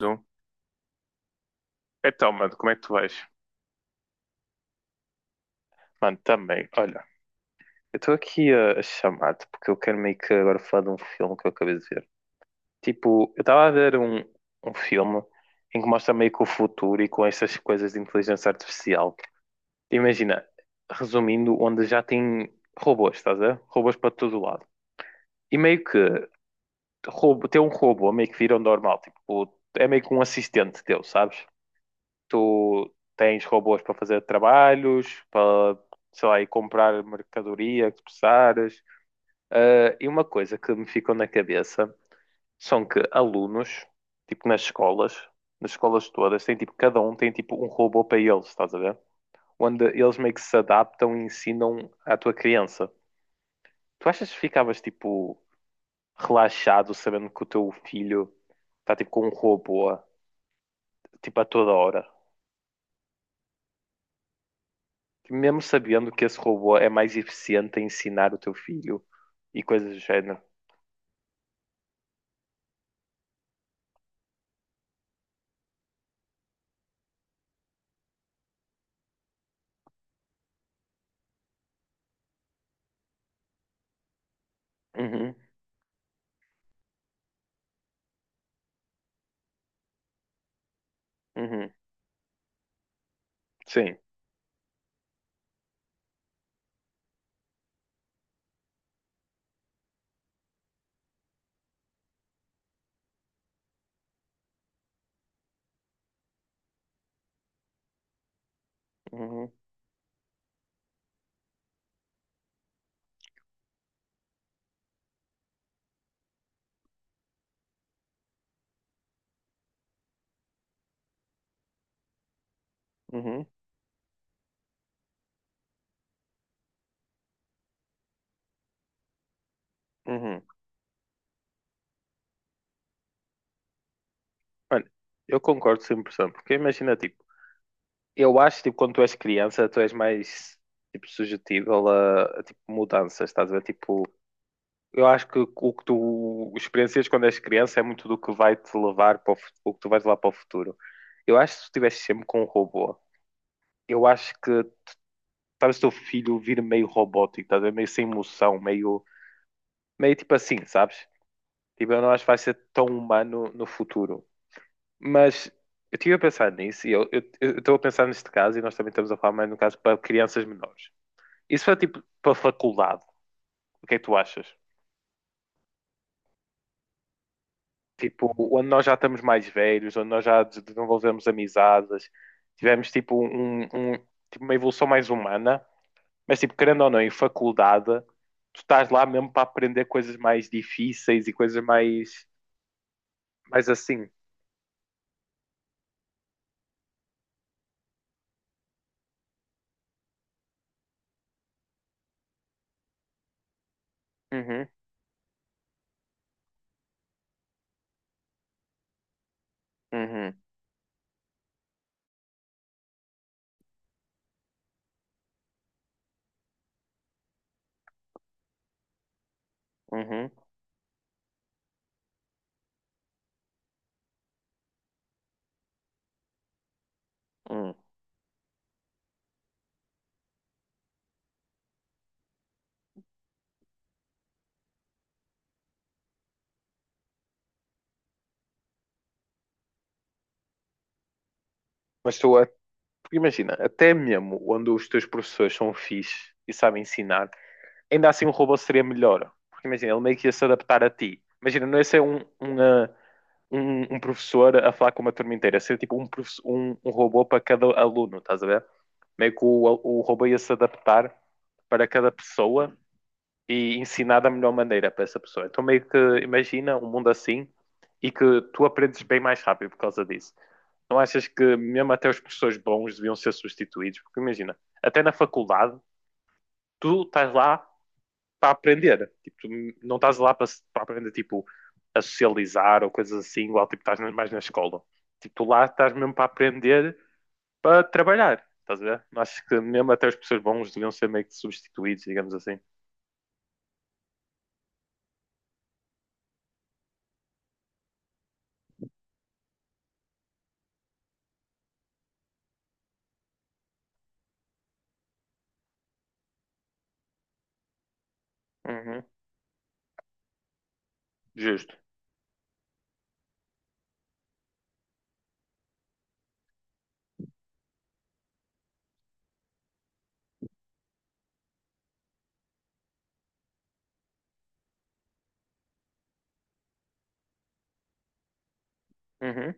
Um. Então, mano, como é que tu vais? Mano, também, olha, eu estou aqui a chamar-te porque eu quero meio que agora falar de um filme que eu acabei de ver. Tipo, eu estava a ver um filme em que mostra meio que o futuro e com essas coisas de inteligência artificial. Imagina, resumindo, onde já tem robôs, estás a ver? Robôs para todo lado. E meio que ter um robô meio que vira o normal, tipo, é meio que um assistente teu, sabes? Tu tens robôs para fazer trabalhos, para, sei lá, ir comprar mercadoria que precisares. Ah, e uma coisa que me ficou na cabeça são que alunos, tipo nas escolas todas, tem tipo, cada um tem tipo um robô para eles, estás a ver? Onde eles meio que se adaptam e ensinam à tua criança. Tu achas que ficavas tipo relaxado sabendo que o teu filho está tipo com um robô, tipo a toda hora? Que mesmo sabendo que esse robô é mais eficiente a ensinar o teu filho e coisas do género. Uhum, uhum, sim. Uhum, uhum, uhum. Olha, eu concordo 100%, porque imagina, tipo, eu acho, tipo, quando tu és criança, tu és mais, tipo, sujetível tipo, mudanças, estás a ver? Tipo, eu acho que o que tu experiencias quando és criança é muito do que vai te levar para o que tu vais levar para o futuro. Eu acho que se tu estivesse sempre com um robô, eu acho que talvez o teu filho vir meio robótico, estás a ver? Meio sem emoção, meio, meio tipo assim, sabes? Tipo, eu não acho que vai ser tão humano no futuro. Mas eu estive a pensar nisso e eu estou a pensar neste caso, e nós também estamos a falar mais no caso para crianças menores. Isso é tipo para faculdade, o que é que tu achas? Tipo, onde nós já estamos mais velhos, onde nós já desenvolvemos amizades, tivemos tipo, tipo, uma evolução mais humana, mas tipo, querendo ou não, em faculdade, tu estás lá mesmo para aprender coisas mais difíceis e coisas mais, mais assim. Uhum, uhum, uhum, uhum. Mas tu, a- Porque imagina, até mesmo quando os teus professores são fixe e sabem ensinar, ainda assim o robô seria melhor. Porque imagina, ele meio que ia se adaptar a ti. Imagina, não ia ser um professor a falar com uma turma inteira, ser tipo um robô para cada aluno, estás a ver? Meio que o robô ia se adaptar para cada pessoa e ensinar da melhor maneira para essa pessoa. Então, meio que imagina um mundo assim e que tu aprendes bem mais rápido por causa disso. Não achas que mesmo até os professores bons deviam ser substituídos? Porque imagina, até na faculdade, tu estás lá para aprender. Tipo, tu não estás lá para aprender tipo, a socializar ou coisas assim, igual tipo, estás mais na escola. Tipo, tu lá estás mesmo para aprender para trabalhar. Estás a ver? Acho que mesmo até os professores bons deviam ser meio que substituídos, digamos assim. Uhum, justo. Uhum.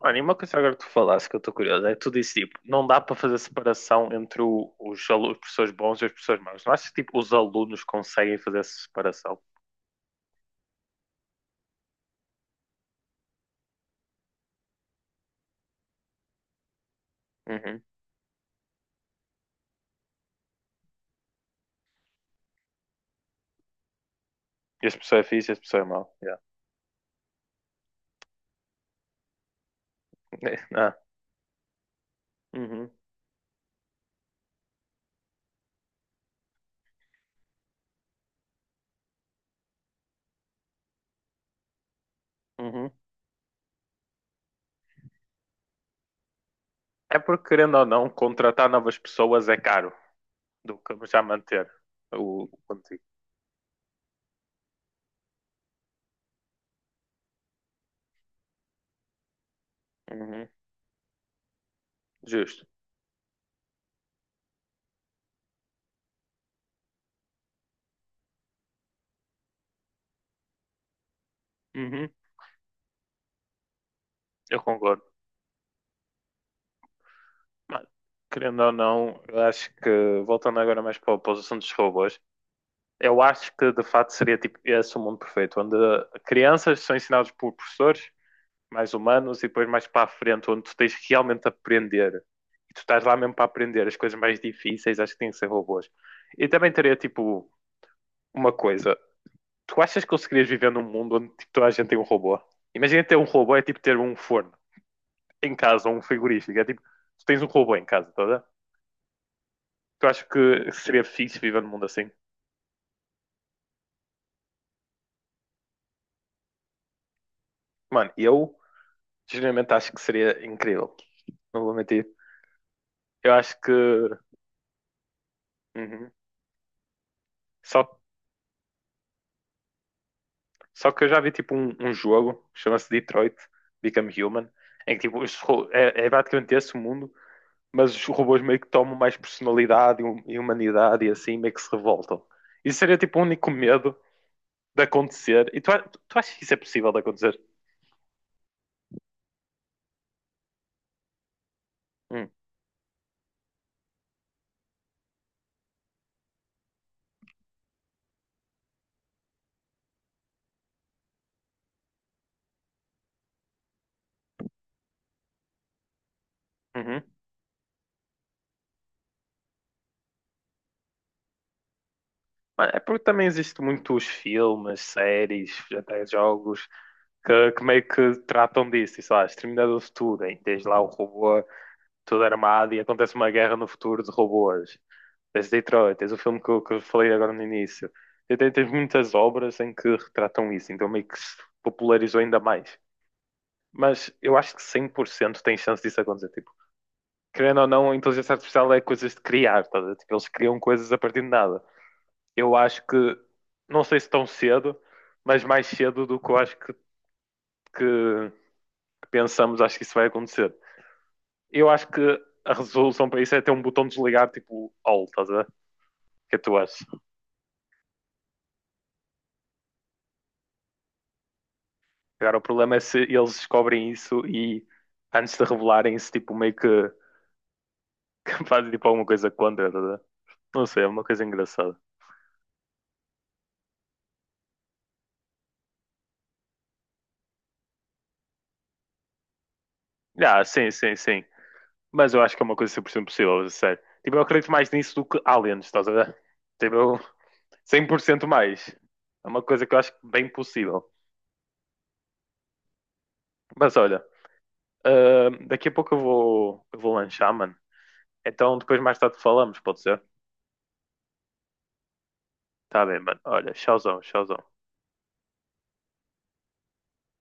Olha, e uma coisa agora que tu falaste que eu estou curioso é que tu disse tipo, não dá para fazer separação entre os professores bons e os professores maus. Não achas que tipo, os alunos conseguem fazer essa separação? Uhum. Este professor é fixe, este professor é mau. Yeah. Ah. Uhum. Uhum. É porque, querendo ou não, contratar novas pessoas é caro do que já manter o contigo. Uhum. Justo. Uhum. Eu concordo. Mas, querendo ou não, eu acho que, voltando agora mais para a posição dos robôs, eu acho que de facto seria tipo esse o mundo perfeito, onde crianças são ensinadas por professores mais humanos e depois mais para a frente, onde tu tens que realmente aprender. E tu estás lá mesmo para aprender as coisas mais difíceis, acho que tem que ser robôs. E também teria tipo uma coisa, tu achas que conseguirias viver num mundo onde tipo, toda a gente tem um robô? Imagina ter um robô é tipo ter um forno em casa ou um frigorífico. É tipo, tu tens um robô em casa, toda. Tu achas que seria fixe viver num mundo assim? Mano, eu genuinamente acho que seria incrível. Não vou mentir. Eu acho que. Uhum. Só, só que eu já vi tipo um jogo, chama-se Detroit Become Human, em que tipo, é, é praticamente esse o mundo, mas os robôs meio que tomam mais personalidade e humanidade e assim meio que se revoltam. Isso seria tipo o único medo de acontecer. E tu achas que isso é possível de acontecer? Hum, uhum. É porque também existem muitos filmes, séries, até jogos que meio que tratam disso. E, sei lá, Exterminador do Futuro, hein? Que tens lá o robô todo armado e acontece uma guerra no futuro de robôs. Tens Detroit, tens o filme que, que eu falei agora no início. E tens muitas obras em que retratam isso, então meio que se popularizou ainda mais. Mas eu acho que 100% tem chance disso acontecer. Tipo, querendo ou não, a inteligência artificial é coisas de criar, tá? A ver? Tipo, eles criam coisas a partir de nada. Eu acho que, não sei se tão cedo, mas mais cedo do que eu acho que- que pensamos, acho que isso vai acontecer. Eu acho que a resolução para isso é ter um botão de desligar, tipo, all, estás a ver? O que é que tu achas? Agora, o problema é se eles descobrem isso e, antes de revelarem isso, tipo, meio que, que fazem tipo, alguma coisa contra, estás a ver? Não sei, é uma coisa engraçada. Ah, sim, sim, sim. Mas eu acho que é uma coisa 100% possível, a sério. Tipo, eu acredito mais nisso do que aliens, estás a ver? Tipo, eu- 100% mais. É uma coisa que eu acho bem possível. Mas olha, ah, daqui a pouco eu vou lanchar, mano. Então depois mais tarde falamos, pode ser? Tá bem, mano. Olha, tchauzão, tchauzão.